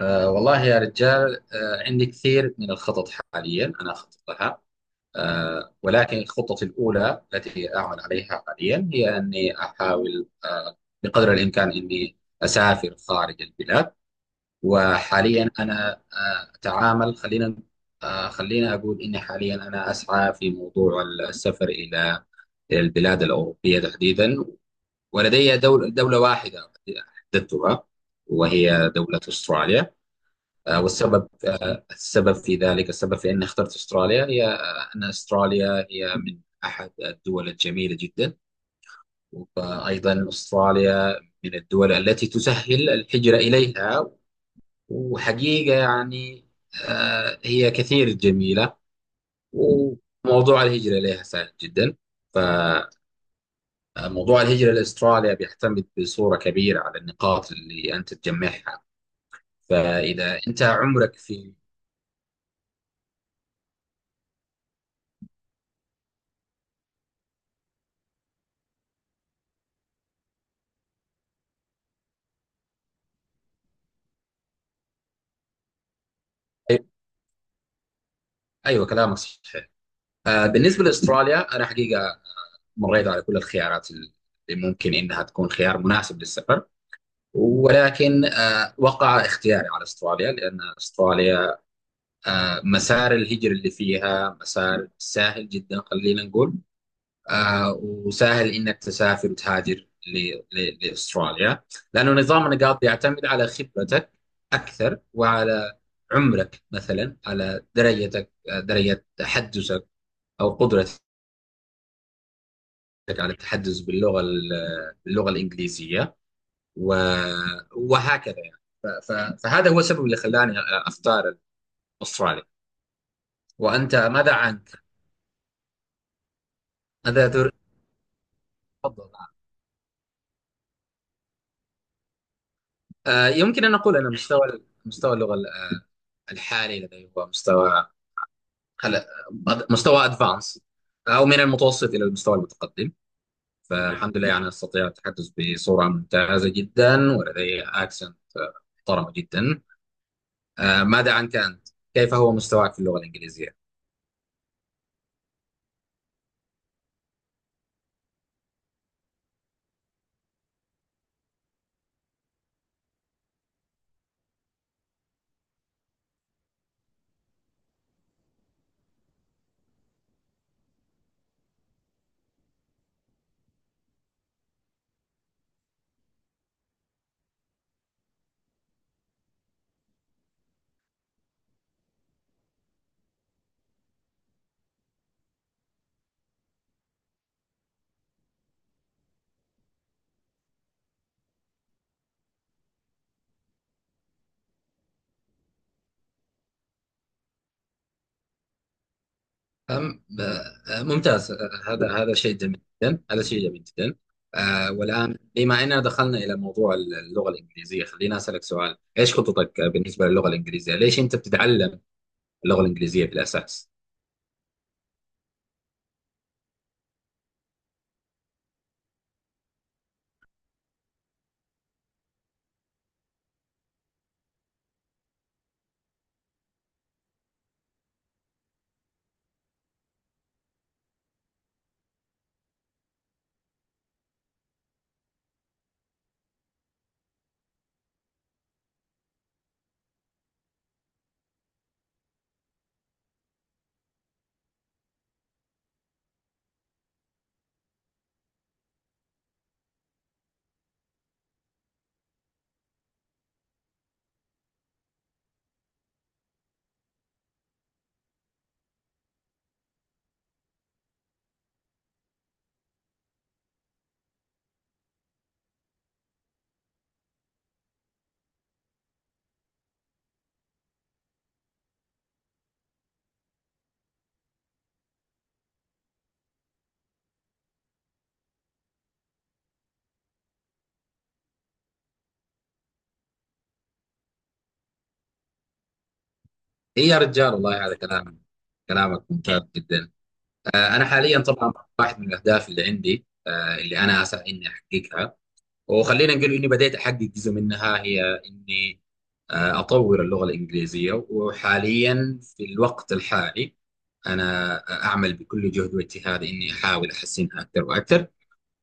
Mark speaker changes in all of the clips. Speaker 1: والله يا رجال، عندي كثير من الخطط حاليا، أنا أخطط لها. ولكن خطتي الأولى التي أعمل عليها حاليا هي أني أحاول بقدر الإمكان أني أسافر خارج البلاد. وحاليا أنا أه أتعامل خلينا أه خلينا أقول إني حاليا أنا أسعى في موضوع السفر إلى البلاد الأوروبية تحديدا. ولدي دولة واحدة حددتها، وهي دولة أستراليا. والسبب، السبب في ذلك، السبب في أني اخترت أستراليا هي أن أستراليا هي من أحد الدول الجميلة جدا. وأيضا أستراليا من الدول التي تسهل الهجرة إليها. وحقيقة يعني هي كثير جميلة. وموضوع الهجرة إليها سهل جدا. فموضوع الهجرة لأستراليا بيعتمد بصورة كبيرة على النقاط اللي أنت تجمعها. فإذا أنت عمرك في أيوة، كلامك صحيح. بالنسبة لأستراليا، أنا حقيقة مريت على كل الخيارات اللي ممكن إنها تكون خيار مناسب للسفر. ولكن وقع اختياري على أستراليا، لأن أستراليا مسار الهجرة اللي فيها مسار سهل جدا، خلينا نقول. وسهل إنك تسافر وتهاجر لأستراليا. لأنه نظام النقاط بيعتمد على خبرتك أكثر، وعلى عمرك مثلا، على درجتك، درجة تحدثك أو قدرتك على التحدث باللغه الانجليزيه. و- وهكذا يعني، فهذا هو السبب اللي خلاني اختار استراليا. وانت ماذا عنك؟ ماذا تر- تفضل. يمكن ان اقول ان مستوى اللغه الحالي لدي هو خل- مستوى ادفانس، او من المتوسط الى المستوى المتقدم. فالحمد لله، يعني استطيع التحدث بصوره ممتازه جدا، ولدي اكسنت محترمه جدا. ماذا عنك انت؟ كيف هو مستواك في اللغه الانجليزيه؟ أم ممتاز. هذا شيء جميل جدا، هذا شيء جميل جدا. والآن، بما أننا دخلنا إلى موضوع اللغة الإنجليزية، خلينا أسألك سؤال. إيش خططك بالنسبة للغة الإنجليزية؟ ليش أنت بتتعلم اللغة الإنجليزية في الأساس؟ إيه يا رجال، والله، هذا كلام كلامك ممتاز جدا. أنا حاليا طبعا، واحد من الأهداف اللي عندي، اللي أنا أسعى إني أحققها، وخلينا نقول اني بديت احقق جزء منها، هي اني اطور اللغه الانجليزيه. وحاليا، في الوقت الحالي، انا اعمل بكل جهد واجتهاد اني احاول احسنها اكثر واكثر.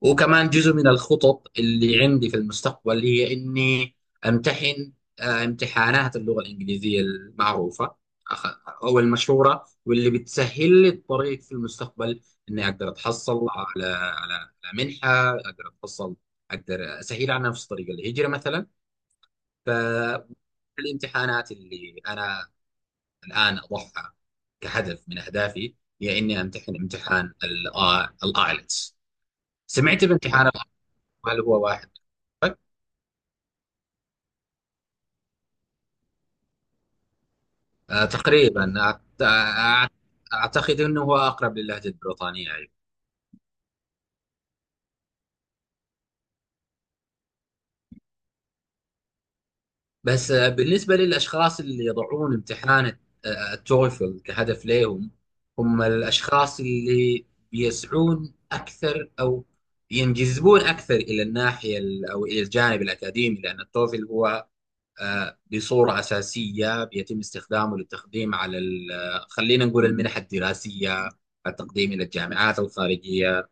Speaker 1: وكمان جزء من الخطط اللي عندي في المستقبل هي إني أمتحن امتحانات اللغة الإنجليزية المعروفة أخ- أو المشهورة، واللي بتسهل لي الطريق في المستقبل، إني أقدر أتحصل على منحة، أقدر أسهل على نفسي طريق الهجرة مثلا. فالامتحانات اللي أنا الآن أضعها كهدف من أهدافي هي إني أمتحن امتحان الآيلتس. سمعت بامتحان ال IELTS؟ هل هو واحد؟ تقريبا، أعتقد أنه هو أقرب للهجة البريطانية أيضا. بس، بالنسبة للأشخاص اللي يضعون امتحان التويفل كهدف لهم، هم الأشخاص اللي بيسعون أكثر أو ينجذبون أكثر إلى أو إلى الجانب الأكاديمي، لأن التوفل هو بصورة أساسية بيتم استخدامه للتقديم على خلينا نقول المنح الدراسية، التقديم إلى الجامعات الخارجية.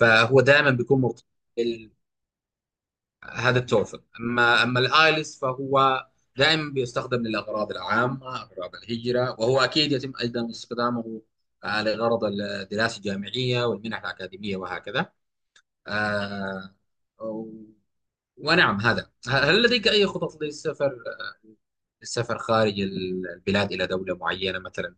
Speaker 1: فهو دائما بيكون مرتبط بهذا التورفل. اما الايلس فهو دائما بيستخدم للاغراض العامه، اغراض الهجره، وهو اكيد يتم ايضا استخدامه لغرض الدراسه الجامعيه والمنح الاكاديميه، وهكذا. آه، و- ونعم، هل لديك اي خطط للسفر، خارج البلاد الى دوله معينه مثلا؟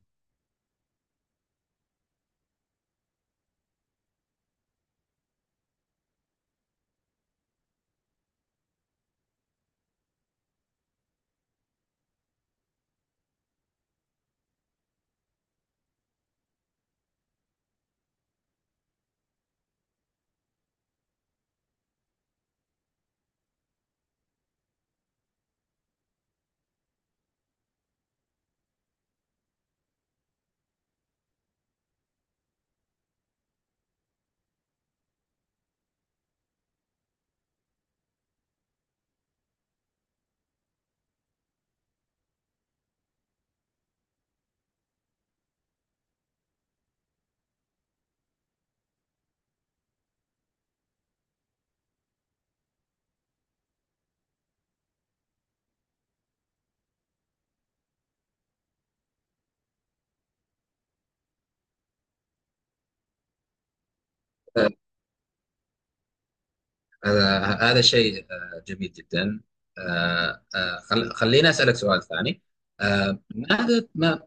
Speaker 1: هذا شيء جميل جدا. خليني أسألك سؤال ثاني. ماذا ما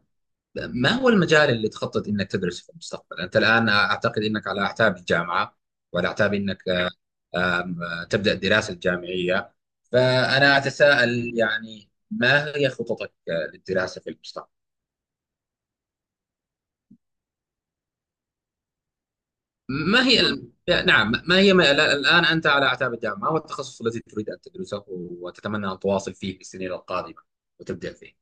Speaker 1: ما هو المجال اللي تخطط انك تدرسه في المستقبل؟ انت الان اعتقد انك على اعتاب الجامعه، وعلى اعتاب انك تبدا الدراسه الجامعيه. فانا اتساءل يعني، ما هي خططك للدراسه في المستقبل؟ ما هي ال- نعم، ما هي ما لا- الآن أنت على أعتاب الجامعة، ما هو التخصص الذي تريد أن تدرسه وتتمنى أن تواصل فيه في السنين القادمة وتبدأ فيه؟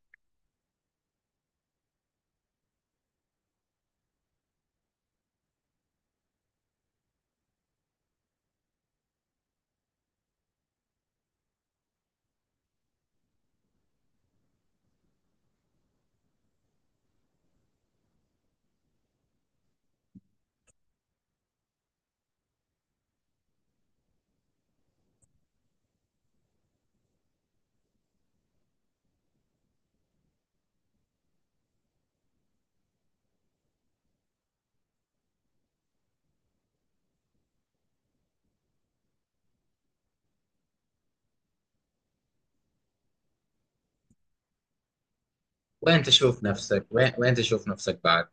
Speaker 1: وين تشوف نفسك بعد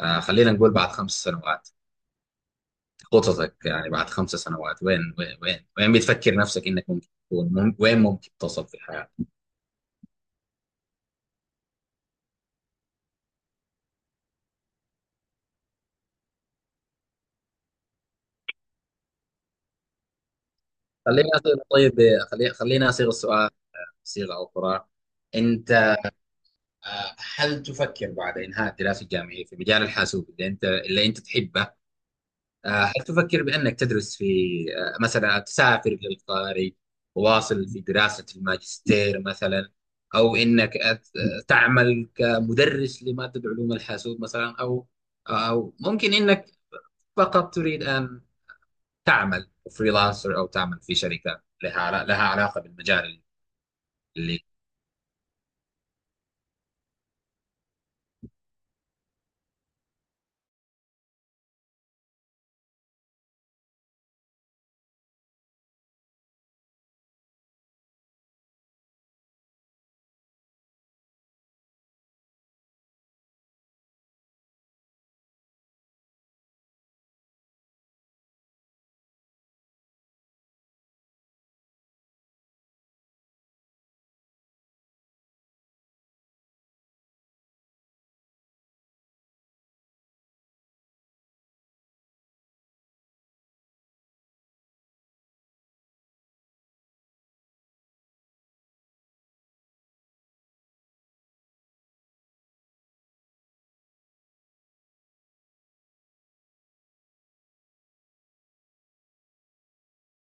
Speaker 1: خلينا نقول، بعد 5 سنوات. خططك يعني بعد 5 سنوات، وين بتفكر نفسك إنك ممكن تكون، وين ممكن تصل في الحياة؟ خلينا أصير طيب خلينا أصيغ السؤال صيغة أخرى. أنت آه، هل تفكر بعد إنهاء الدراسة الجامعية في مجال الحاسوب اللي أنت تحبه؟ هل تفكر بأنك تدرس في، مثلا تسافر للخارج، واصل في دراسة الماجستير مثلا؟ أو أنك أت- آه، تعمل كمدرس لمادة علوم الحاسوب مثلا، أو ممكن أنك فقط تريد أن تعمل فريلانسر، أو تعمل في شركة لها علاقة بالمجال، اللي